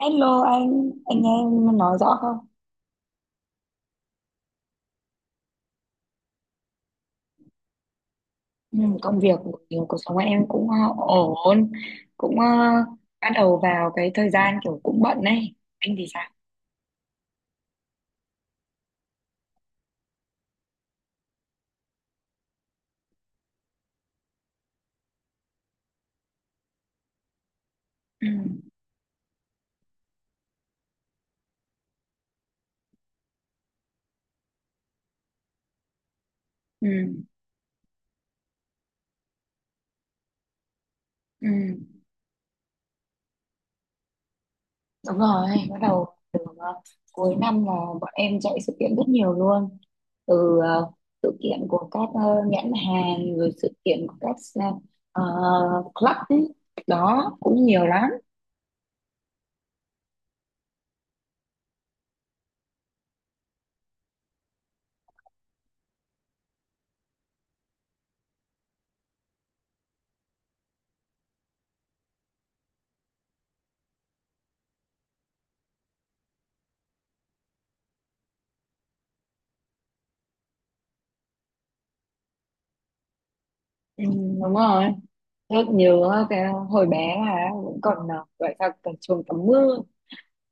Hello anh nghe em nói rõ không? Ừ, công việc kiểu cuộc sống của em cũng ổn, cũng bắt đầu vào cái thời gian kiểu cũng bận ấy. Anh thì sao? Ừ, ừ, ừ. Đúng rồi, bắt đầu từ cuối năm là bọn em chạy sự kiện rất nhiều luôn. Từ sự kiện của các nhãn hàng, rồi sự kiện của các ờ, club ấy. Đó, cũng nhiều lắm. Ừ, đúng rồi. Rất nhớ cái hồi bé là cũng còn gọi là còn chuồng tắm mưa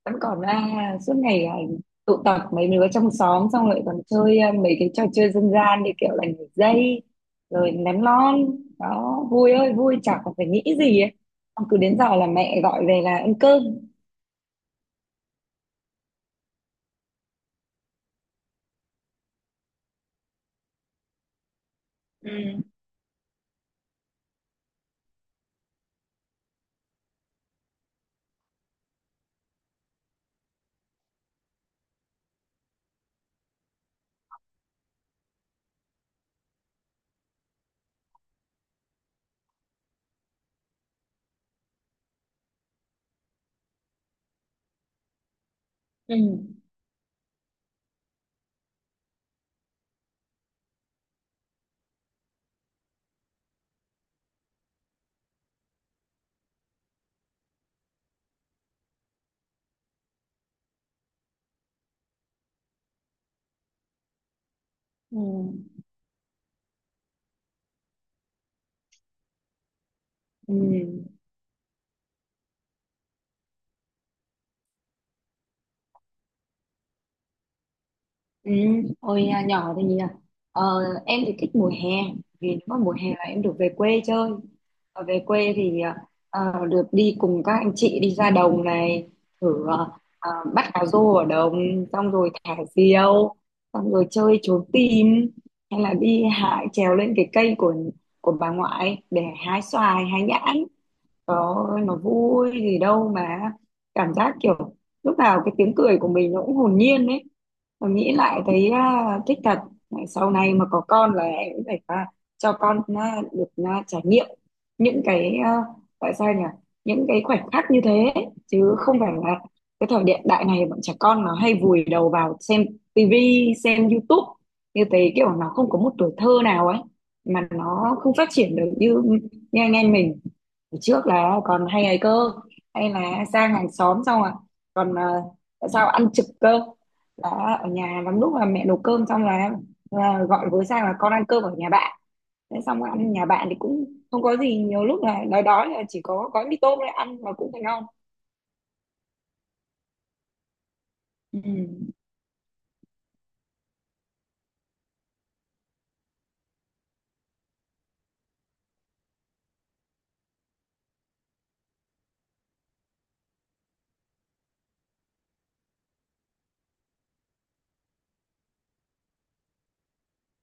vẫn còn ra suốt ngày tụ tập mấy đứa trong xóm xong rồi còn chơi mấy cái trò chơi dân gian như kiểu là nhảy dây rồi ném lon, đó vui ơi vui, chả còn phải nghĩ gì ấy. Xong cứ đến giờ là mẹ gọi về là ăn cơm. Ừ, ừ, ừ, ừ. Ừ, hồi nhỏ thì nhỉ, ờ, em thì thích mùa hè vì nếu mà mùa hè là em được về quê chơi, ở về quê thì được đi cùng các anh chị đi ra đồng này, thử bắt cá rô ở đồng xong rồi thả diều, xong rồi chơi trốn tìm, hay là đi hái, trèo lên cái cây của bà ngoại để hái xoài hái nhãn. Đó nó vui gì đâu mà, cảm giác kiểu lúc nào cái tiếng cười của mình nó cũng hồn nhiên ấy. Tôi nghĩ lại thấy thích thật. Này, sau này mà có con là em cũng phải cho con được trải nghiệm những cái à, tại sao nhỉ những cái khoảnh khắc như thế, chứ không phải là cái thời hiện đại này bọn trẻ con nó hay vùi đầu vào xem tivi xem YouTube như thế, kiểu nó không có một tuổi thơ nào ấy, mà nó không phát triển được như như anh em mình. Hồi trước là còn hay ấy cơ, hay là sang hàng xóm xong còn à, tại sao ăn trực cơ. Đó ở nhà lắm lúc là mẹ nấu cơm xong là gọi với sang là con ăn cơm ở nhà bạn, thế xong ăn nhà bạn thì cũng không có gì, nhiều lúc là nói đói là chỉ có gói mì tôm để ăn mà cũng thấy ngon. Ừ,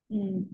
ừ,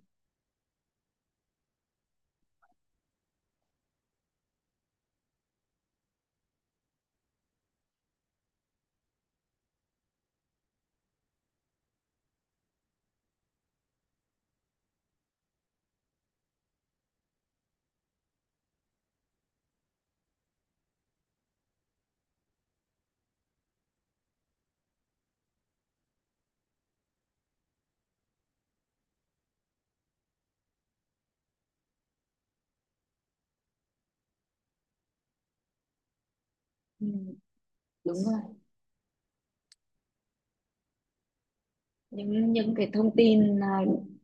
ừ, đúng rồi. Những cái thông tin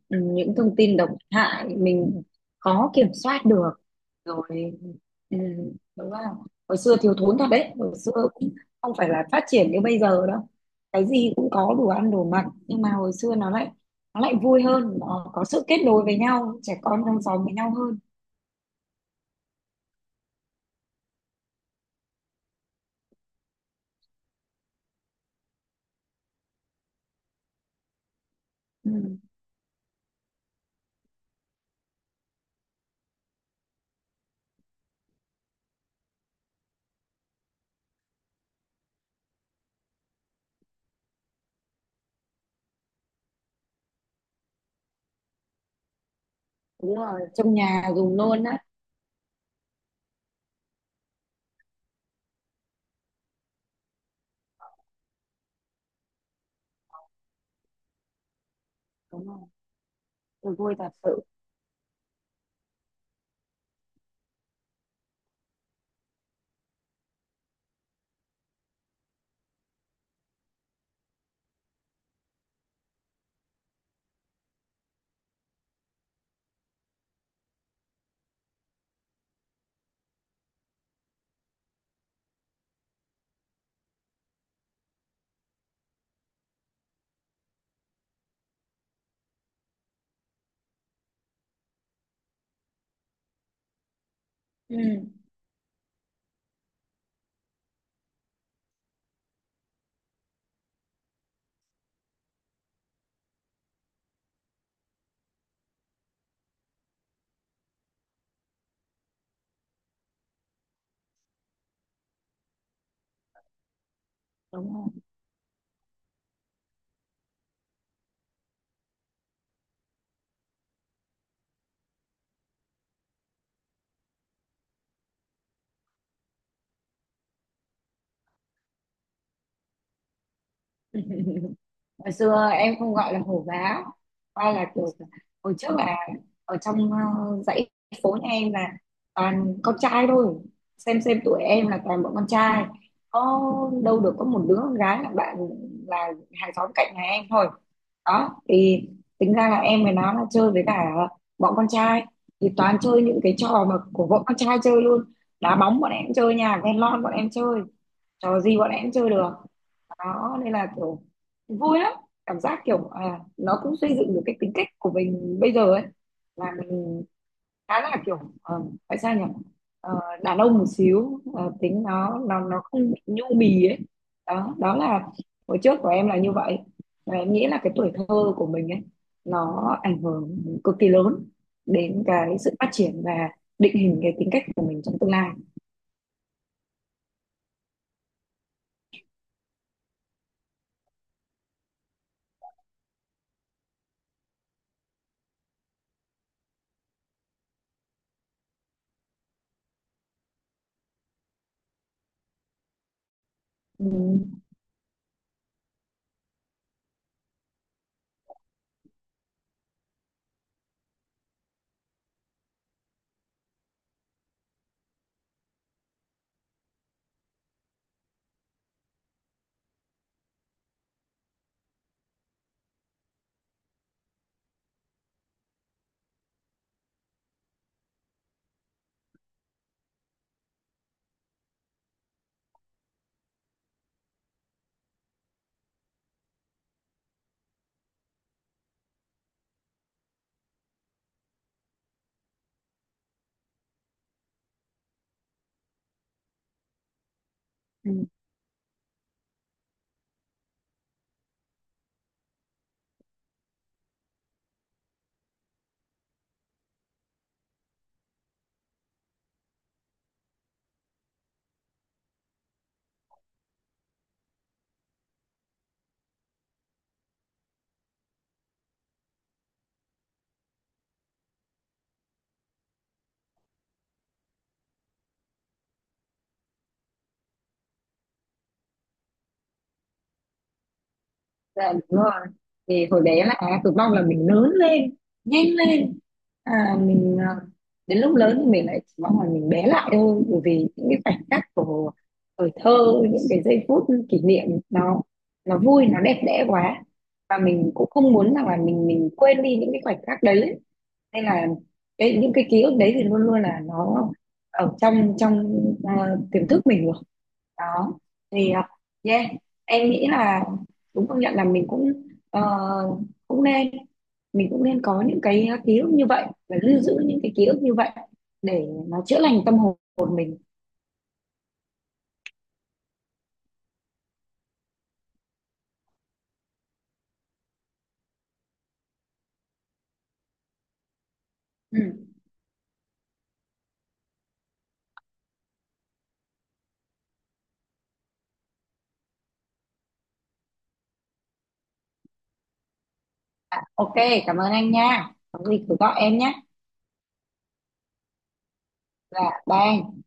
ừ, những thông tin độc hại mình khó kiểm soát được rồi. Ừ, đúng không, hồi xưa thiếu thốn thật đấy, hồi xưa cũng không phải là phát triển như bây giờ đâu, cái gì cũng có đủ ăn đủ mặc, nhưng mà hồi xưa nó lại vui hơn, nó có sự kết nối với nhau, trẻ con trong xóm với nhau hơn. Ừ, đúng rồi, trong nhà dùng luôn á. Đúng rồi. Tôi vui thật sự. Ừ, đúng rồi, hồi xưa em không gọi là hổ báo, coi là kiểu hồi trước là ở trong dãy phố nhà em là toàn con trai thôi, xem tuổi em là toàn bọn con trai, có đâu được, có một đứa con gái là bạn là hàng xóm cạnh nhà em thôi. Đó thì tính ra là em với nó là chơi với cả bọn con trai, thì toàn chơi những cái trò mà của bọn con trai chơi luôn. Đá bóng bọn em chơi, nhà ghen lon bọn em chơi, trò gì bọn em chơi được. Đó nên là kiểu vui lắm, cảm giác kiểu nó cũng xây dựng được cái tính cách của mình bây giờ ấy, là mình khá là kiểu ờ, phải sao nhỉ Ờ, đàn ông một xíu, tính nó không bị nhu mì ấy. Đó đó là hồi trước của em là như vậy, và em nghĩ là cái tuổi thơ của mình ấy nó ảnh hưởng cực kỳ lớn đến cái sự phát triển và định hình cái tính cách của mình trong tương lai. Ừ. Ừ. Dạ đúng rồi, thì hồi bé là á, cực mong là mình lớn lên nhanh lên, mình đến lúc lớn thì mình lại chỉ mong là mình bé lại thôi, bởi vì những cái khoảnh khắc của tuổi thơ, những cái giây phút kỷ niệm, nó vui, nó đẹp đẽ quá, và mình cũng không muốn rằng là mình quên đi những cái khoảnh khắc đấy ấy. Nên là cái những cái ký ức đấy thì luôn luôn là nó ở trong trong à, tiềm thức mình rồi. Đó thì yeah, em nghĩ là đúng, công nhận là mình cũng ờ, cũng nên, mình cũng nên có những cái ký ức như vậy và lưu giữ những cái ký ức như vậy để nó chữa lành tâm hồn mình. Ừ. À, ok, cảm ơn anh nha, có gì cứ gọi em nhé, là bye anh.